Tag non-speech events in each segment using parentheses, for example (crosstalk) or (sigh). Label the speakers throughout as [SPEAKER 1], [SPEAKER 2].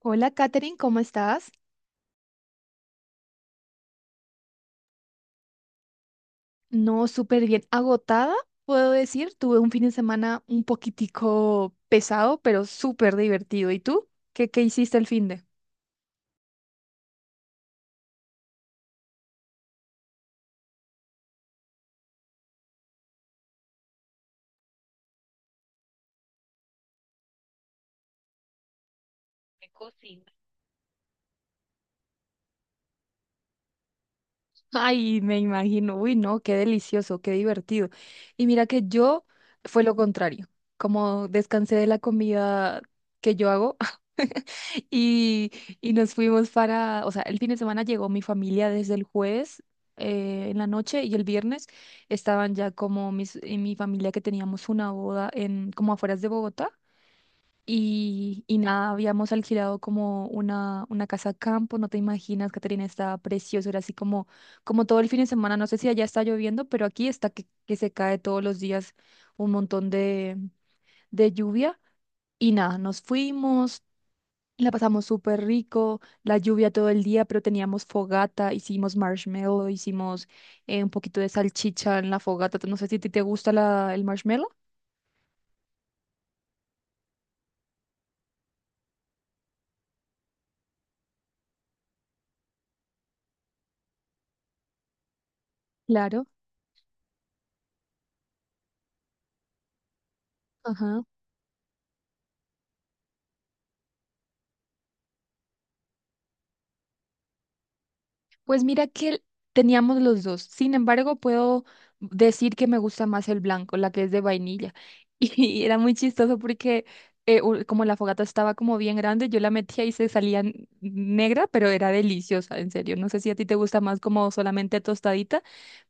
[SPEAKER 1] Hola, Katherine, ¿cómo estás? No, súper bien. Agotada, puedo decir. Tuve un fin de semana un poquitico pesado, pero súper divertido. ¿Y tú? ¿Qué hiciste el fin de? Ay, me imagino, uy, no, qué delicioso, qué divertido. Y mira que yo fue lo contrario, como descansé de la comida que yo hago, (laughs) y, y nos fuimos para, o sea, el fin de semana llegó mi familia desde el jueves en la noche, y el viernes estaban ya como mis, y mi familia que teníamos una boda en, como afueras de Bogotá. Y nada, habíamos alquilado como una casa campo, no te imaginas, Caterina, estaba precioso, era así como todo el fin de semana, no sé si allá está lloviendo, pero aquí está que se cae todos los días un montón de lluvia. Y nada, nos fuimos, la pasamos súper rico, la lluvia todo el día, pero teníamos fogata, hicimos marshmallow, hicimos un poquito de salchicha en la fogata, no sé si a ti te gusta el marshmallow. Claro, ajá. Pues mira que teníamos los dos. Sin embargo, puedo decir que me gusta más el blanco, la que es de vainilla. (laughs) Y era muy chistoso porque como la fogata estaba como bien grande, yo la metía y se salía negra, pero era deliciosa, en serio. No sé si a ti te gusta más como solamente tostadita,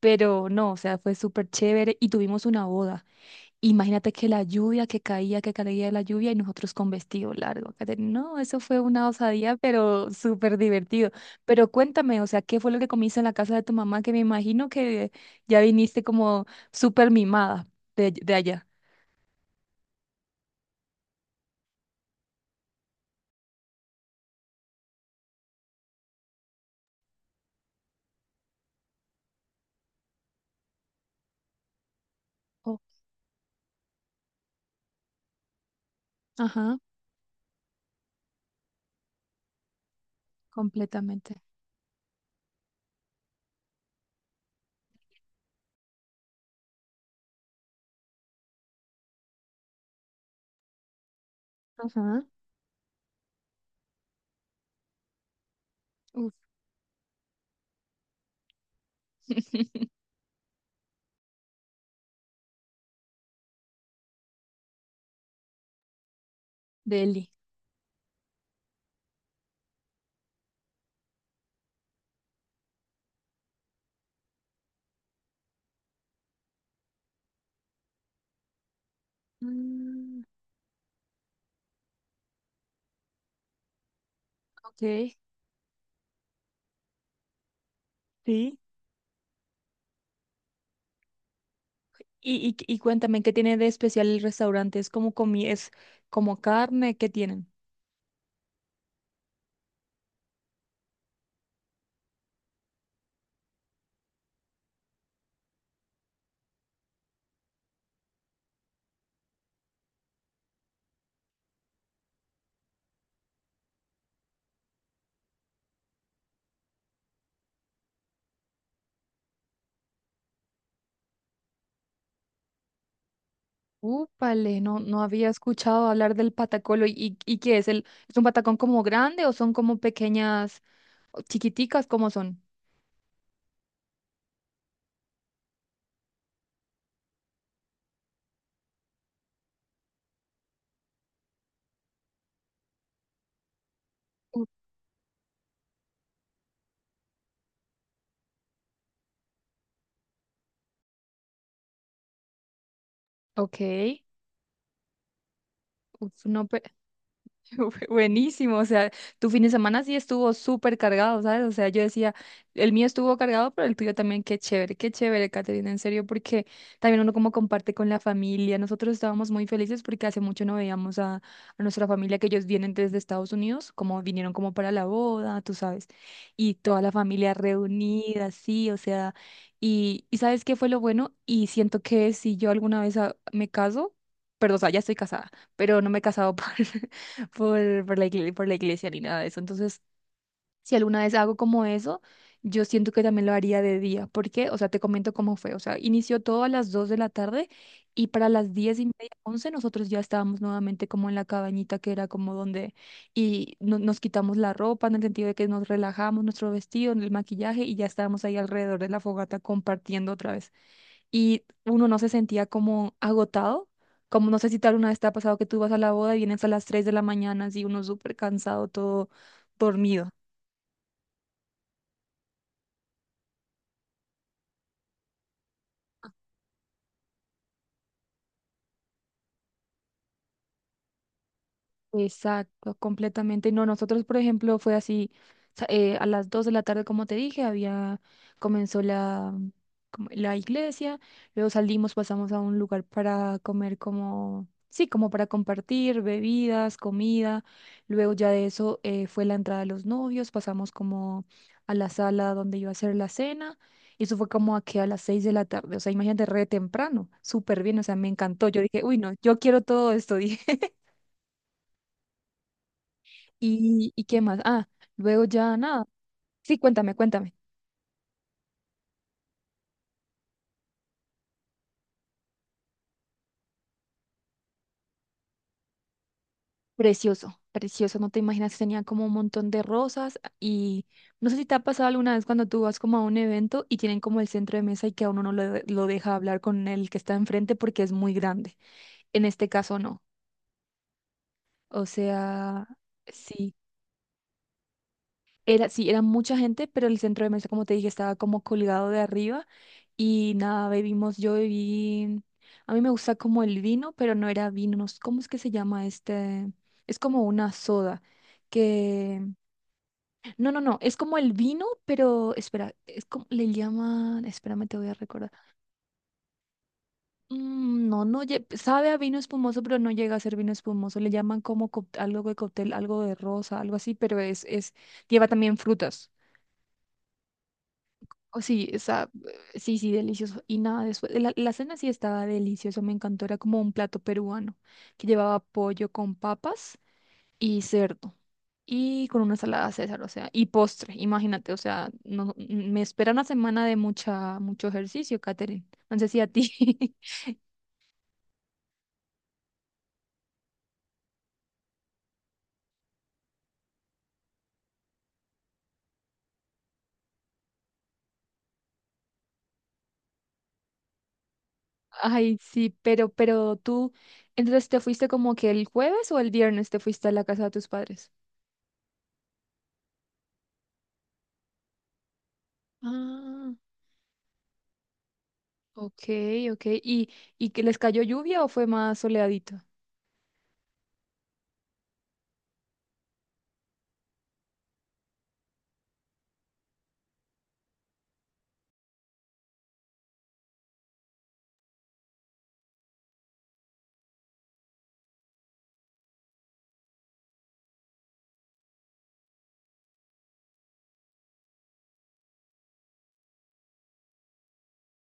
[SPEAKER 1] pero no, o sea, fue súper chévere y tuvimos una boda. Imagínate que la lluvia que caía la lluvia y nosotros con vestido largo. Kate, no, eso fue una osadía, pero súper divertido. Pero cuéntame, o sea, ¿qué fue lo que comiste en la casa de tu mamá? Que me imagino que ya viniste como súper mimada de allá. Oh, ajá, completamente. Ajá. Uf, (laughs) deli. Mm, ok, sí. Y cuéntame, ¿qué tiene de especial el restaurante? ¿Es como comi, es como carne? ¿Qué tienen? Úpale, no, no había escuchado hablar del patacolo. Y qué es el, es un patacón como grande o son como pequeñas, o chiquiticas, cómo son? Uf, ok, uf, no, (laughs) buenísimo, o sea, tu fin de semana sí estuvo súper cargado, ¿sabes? O sea, yo decía, el mío estuvo cargado, pero el tuyo también, qué chévere, Caterina, en serio, porque también uno como comparte con la familia. Nosotros estábamos muy felices porque hace mucho no veíamos a nuestra familia, que ellos vienen desde Estados Unidos, como vinieron como para la boda, tú sabes, y toda la familia reunida, sí, o sea, y ¿sabes qué fue lo bueno? Y siento que si yo alguna vez me caso, perdón, o sea, ya estoy casada pero no me he casado por, (laughs) por, por la iglesia, por la iglesia ni nada de eso. Entonces, si alguna vez hago como eso, yo siento que también lo haría de día. ¿Por qué? O sea, te comento cómo fue. O sea, inició todo a las 2 de la tarde y para las 10 y media, 11 nosotros ya estábamos nuevamente como en la cabañita que era como donde y nos quitamos la ropa en el sentido de que nos relajamos, nuestro vestido, el maquillaje, y ya estábamos ahí alrededor de la fogata compartiendo otra vez y uno no se sentía como agotado. Como no sé si tal una vez te ha pasado que tú vas a la boda y vienes a las 3 de la mañana, así uno súper cansado, todo dormido. Exacto, completamente. No, nosotros, por ejemplo, fue así, a las 2 de la tarde, como te dije, había, comenzó la, como la iglesia, luego salimos, pasamos a un lugar para comer como, sí, como para compartir bebidas, comida, luego ya de eso fue la entrada de los novios, pasamos como a la sala donde iba a ser la cena, y eso fue como a que a las 6 de la tarde, o sea, imagínate, re temprano, súper bien, o sea, me encantó, yo dije, uy, no, yo quiero todo esto, (laughs) dije. Y qué más? Ah, luego ya nada. Sí, cuéntame, cuéntame. Precioso, precioso. No te imaginas, tenía como un montón de rosas, y no sé si te ha pasado alguna vez cuando tú vas como a un evento y tienen como el centro de mesa y que a uno no lo deja hablar con el que está enfrente porque es muy grande. En este caso no. O sea, sí. Era, sí, era mucha gente, pero el centro de mesa, como te dije, estaba como colgado de arriba y nada, bebimos, yo bebí, a mí me gusta como el vino, pero no era vino, no sé, ¿cómo es que se llama este? Es como una soda, que, no, no, no, es como el vino, pero, espera, es como, le llaman, espérame, te voy a recordar. Mm, no, no, sabe a vino espumoso, pero no llega a ser vino espumoso, le llaman como algo de cóctel, algo de rosa, algo así, pero es, lleva también frutas. Oh, sí, está, sí, sí, delicioso. Y nada, después, la cena sí estaba deliciosa, me encantó. Era como un plato peruano que llevaba pollo con papas y cerdo y con una salada César, o sea, y postre, imagínate, o sea, no, me espera una semana de mucha, mucho ejercicio, Katherine. No sé si a ti. (laughs) Ay, sí, pero tú, entonces te fuiste como que el jueves o el viernes te fuiste a la casa de tus padres. Ah, ok, ok. Y que les cayó lluvia o fue más soleadito?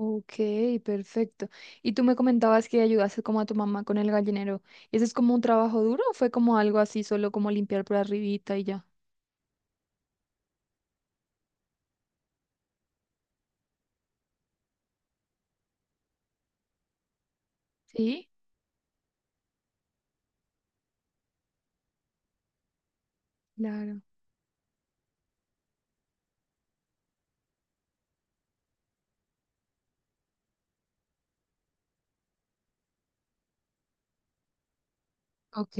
[SPEAKER 1] Ok, perfecto. Y tú me comentabas que ayudaste como a tu mamá con el gallinero. ¿Y ¿ese es como un trabajo duro o fue como algo así, solo como limpiar por arribita y ya? Sí, claro. Ok,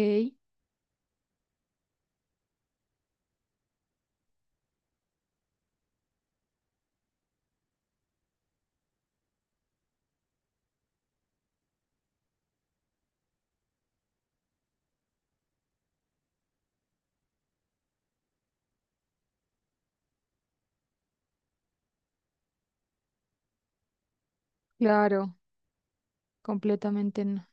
[SPEAKER 1] claro, completamente no.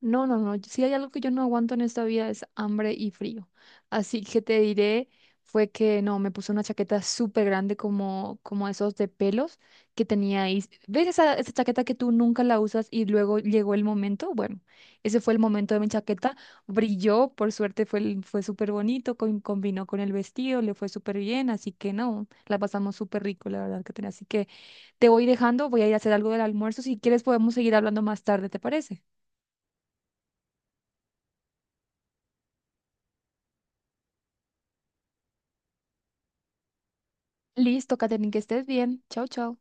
[SPEAKER 1] No, no, no. Si hay algo que yo no aguanto en esta vida es hambre y frío. Así que te diré, fue que no, me puse una chaqueta súper grande como, como esos de pelos que tenía ahí. ¿Ves esa, esa chaqueta que tú nunca la usas y luego llegó el momento? Bueno, ese fue el momento de mi chaqueta. Brilló, por suerte fue, fue súper bonito, combinó con el vestido, le fue súper bien. Así que no, la pasamos súper rico, la verdad que tenía. Así que te voy dejando, voy a ir a hacer algo del almuerzo. Si quieres podemos seguir hablando más tarde, ¿te parece? Listo, Katherine, que estés bien. Chau, chau.